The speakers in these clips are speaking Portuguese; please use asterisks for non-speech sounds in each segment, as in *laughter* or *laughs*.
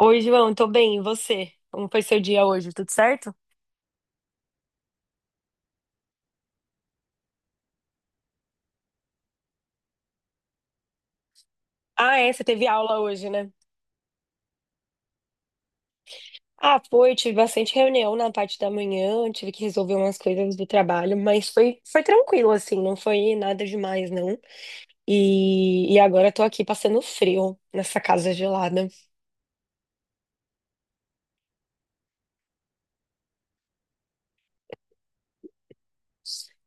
Oi, João, tô bem, e você? Como foi seu dia hoje? Tudo certo? Ah, é, você teve aula hoje, né? Ah, foi, tive bastante reunião na parte da manhã, tive que resolver umas coisas do trabalho, mas foi tranquilo, assim, não foi nada demais, não. E agora tô aqui passando frio nessa casa gelada.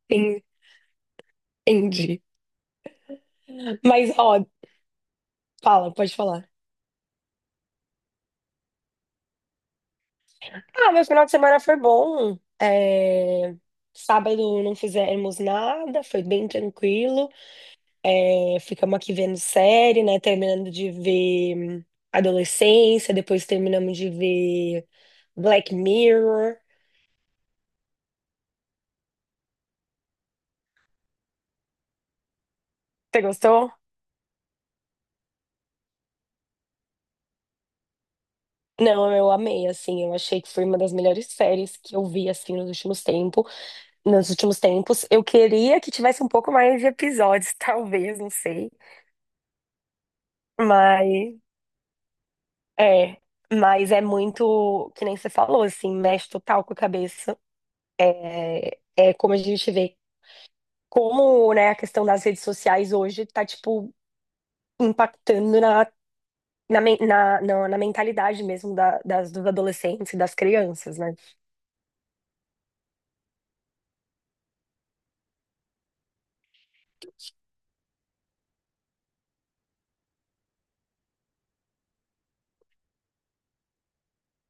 En- Entendi. Mas, ó, fala, pode falar. Ah, meu final de semana foi bom. É, sábado não fizemos nada, foi bem tranquilo. É, ficamos aqui vendo série, né? Terminando de ver Adolescência, depois terminamos de ver Black Mirror. Você gostou? Não, eu amei, assim, eu achei que foi uma das melhores séries que eu vi, assim, nos últimos tempos. Nos últimos tempos, eu queria que tivesse um pouco mais de episódios, *laughs* talvez, não sei, mas é, mas é muito, que nem você falou, assim, mexe total com a cabeça. É, é como a gente vê. Como, né, a questão das redes sociais hoje tá, tipo, impactando na mentalidade mesmo das dos adolescentes e das crianças, né?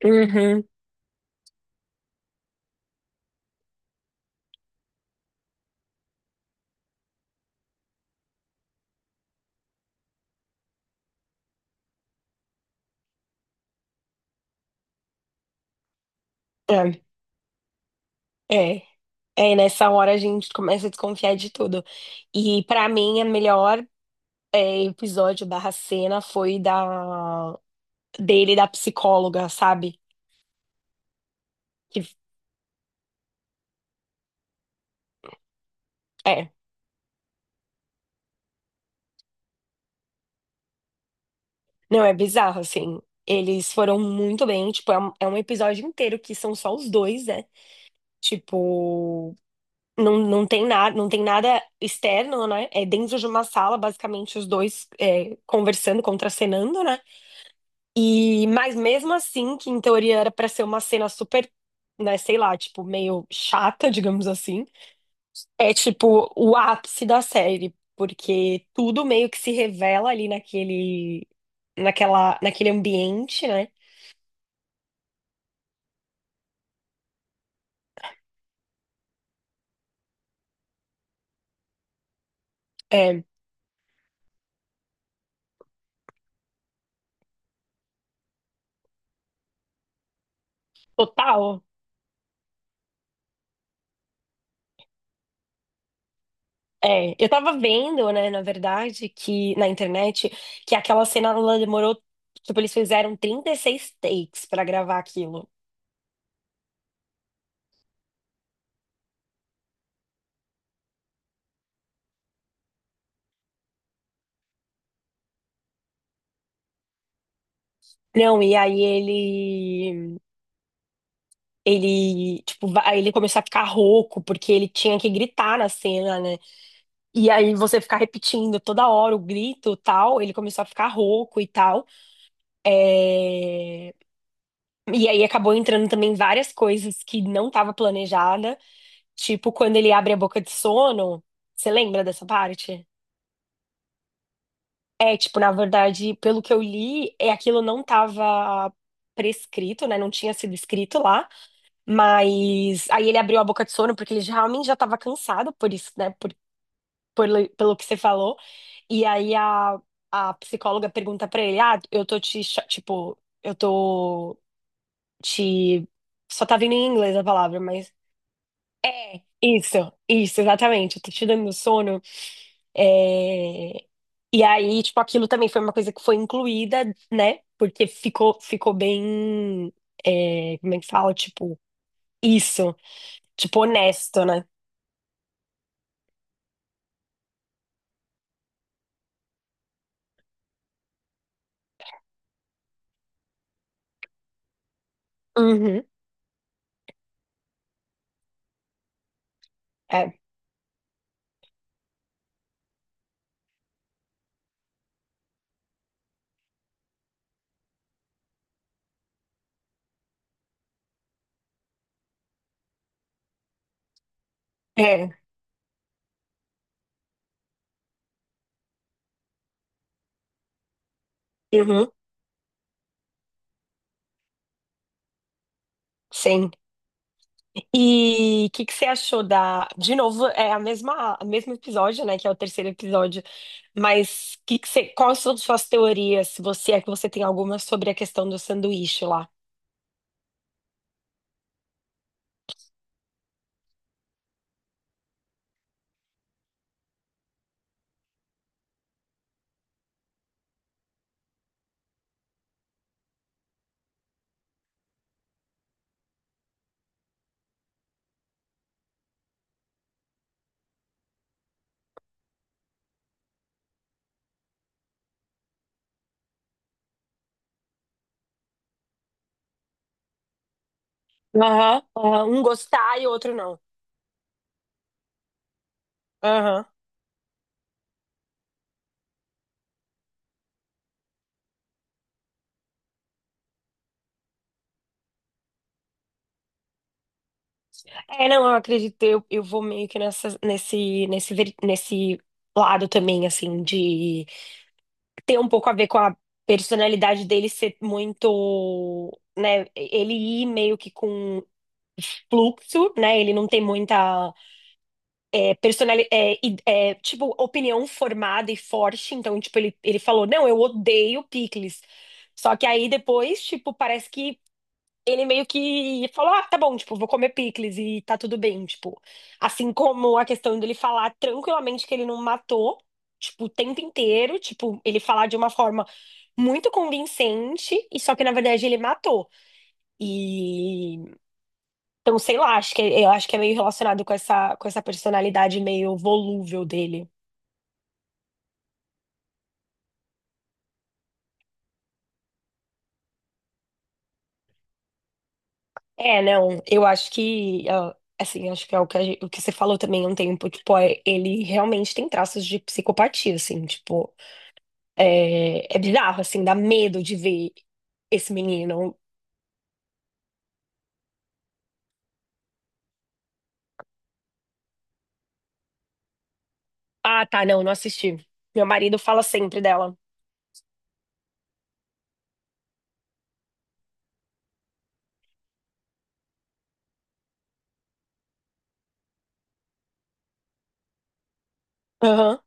Uhum. É, é. É, nessa hora a gente começa a desconfiar de tudo. E pra mim, a melhor é, episódio barra cena foi da dele e da psicóloga, sabe? Que, é, não, é bizarro, assim. Eles foram muito bem, tipo, é um episódio inteiro que são só os dois, né? Tipo, não, não tem nada externo, né? É dentro de uma sala, basicamente, os dois é, conversando, contracenando, né? E, mas mesmo assim, que em teoria era pra ser uma cena super, né, sei lá, tipo, meio chata, digamos assim, é tipo o ápice da série, porque tudo meio que se revela ali naquele, naquele ambiente, né? É, total. É, eu tava vendo, né, na verdade, que na internet, que aquela cena ela demorou, tipo, eles fizeram 36 takes pra gravar aquilo. Não, e aí ele, tipo, aí ele começou a ficar rouco porque ele tinha que gritar na cena, né? E aí você ficar repetindo toda hora o grito, tal, ele começou a ficar rouco e tal. É, e aí acabou entrando também várias coisas que não tava planejada. Tipo, quando ele abre a boca de sono, você lembra dessa parte? É, tipo, na verdade, pelo que eu li, é aquilo não estava prescrito, né? Não tinha sido escrito lá, mas aí ele abriu a boca de sono porque ele realmente já estava cansado por isso, né? Por- Pelo que você falou. E aí a psicóloga pergunta pra ele: "Ah, eu tô tipo, eu tô te só tá vindo em inglês a palavra, mas É, isso, exatamente. Eu tô te dando sono. É, e aí, tipo, aquilo também foi uma coisa que foi incluída, né? Porque ficou bem. É, como é que fala? Tipo, isso. Tipo, honesto, né? Uhum. É, é. Uhum. Sim. E o que, que você achou da. De novo, é o mesmo episódio, né? Que é o terceiro episódio. Mas que você... quais são suas teorias? Se você é que você tem alguma sobre a questão do sanduíche lá. Aham, aham. Um gostar e o outro não. Aham. É, não, eu acredito, eu vou meio que nessa, nesse lado também, assim, de ter um pouco a ver com a personalidade dele ser muito, né, ele ir meio que com fluxo, né, ele não tem muita é, personalidade, é, tipo, opinião formada e forte, então, tipo, ele falou, não, eu odeio picles. Só que aí depois, tipo, parece que ele meio que falou, ah, tá bom, tipo, vou comer picles e tá tudo bem, tipo, assim como a questão dele falar tranquilamente que ele não matou, tipo, o tempo inteiro, tipo, ele falar de uma forma muito convincente, e só que na verdade ele matou. E então, sei lá, acho que eu acho que é meio relacionado com essa personalidade meio volúvel dele. É, não, eu acho que ah, assim, acho que é o que, o que você falou também há um tempo, tipo, é, ele realmente tem traços de psicopatia, assim, tipo, é, é bizarro, assim, dá medo de ver esse menino. Ah, tá, não, não assisti. Meu marido fala sempre dela. Aham,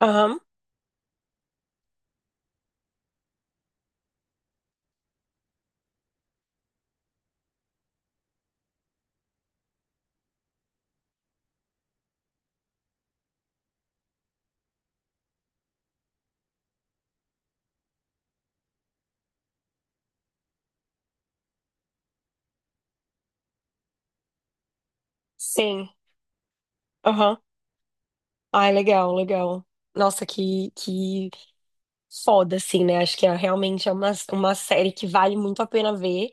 aham, sim, aham. Ai, legal, legal. Nossa, que foda, assim, né? Acho que é, realmente é uma série que vale muito a pena ver.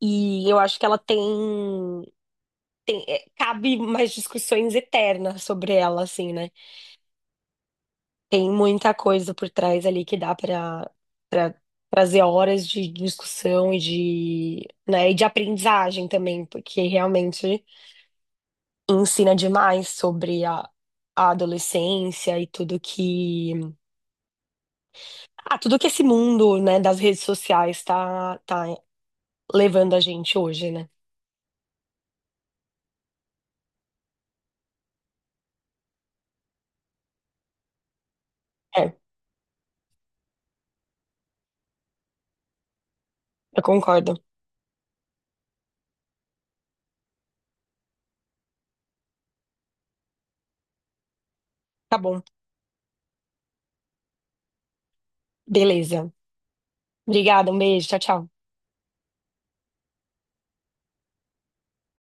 E eu acho que ela tem. É, cabe mais discussões eternas sobre ela, assim, né? Tem muita coisa por trás ali que dá para trazer horas de discussão e de, né, e de aprendizagem também, porque realmente ensina demais sobre a adolescência e tudo que, ah, tudo que esse mundo, né, das redes sociais tá levando a gente hoje, né? É, eu concordo. Tá bom. Beleza. Obrigada, um beijo. Tchau, tchau.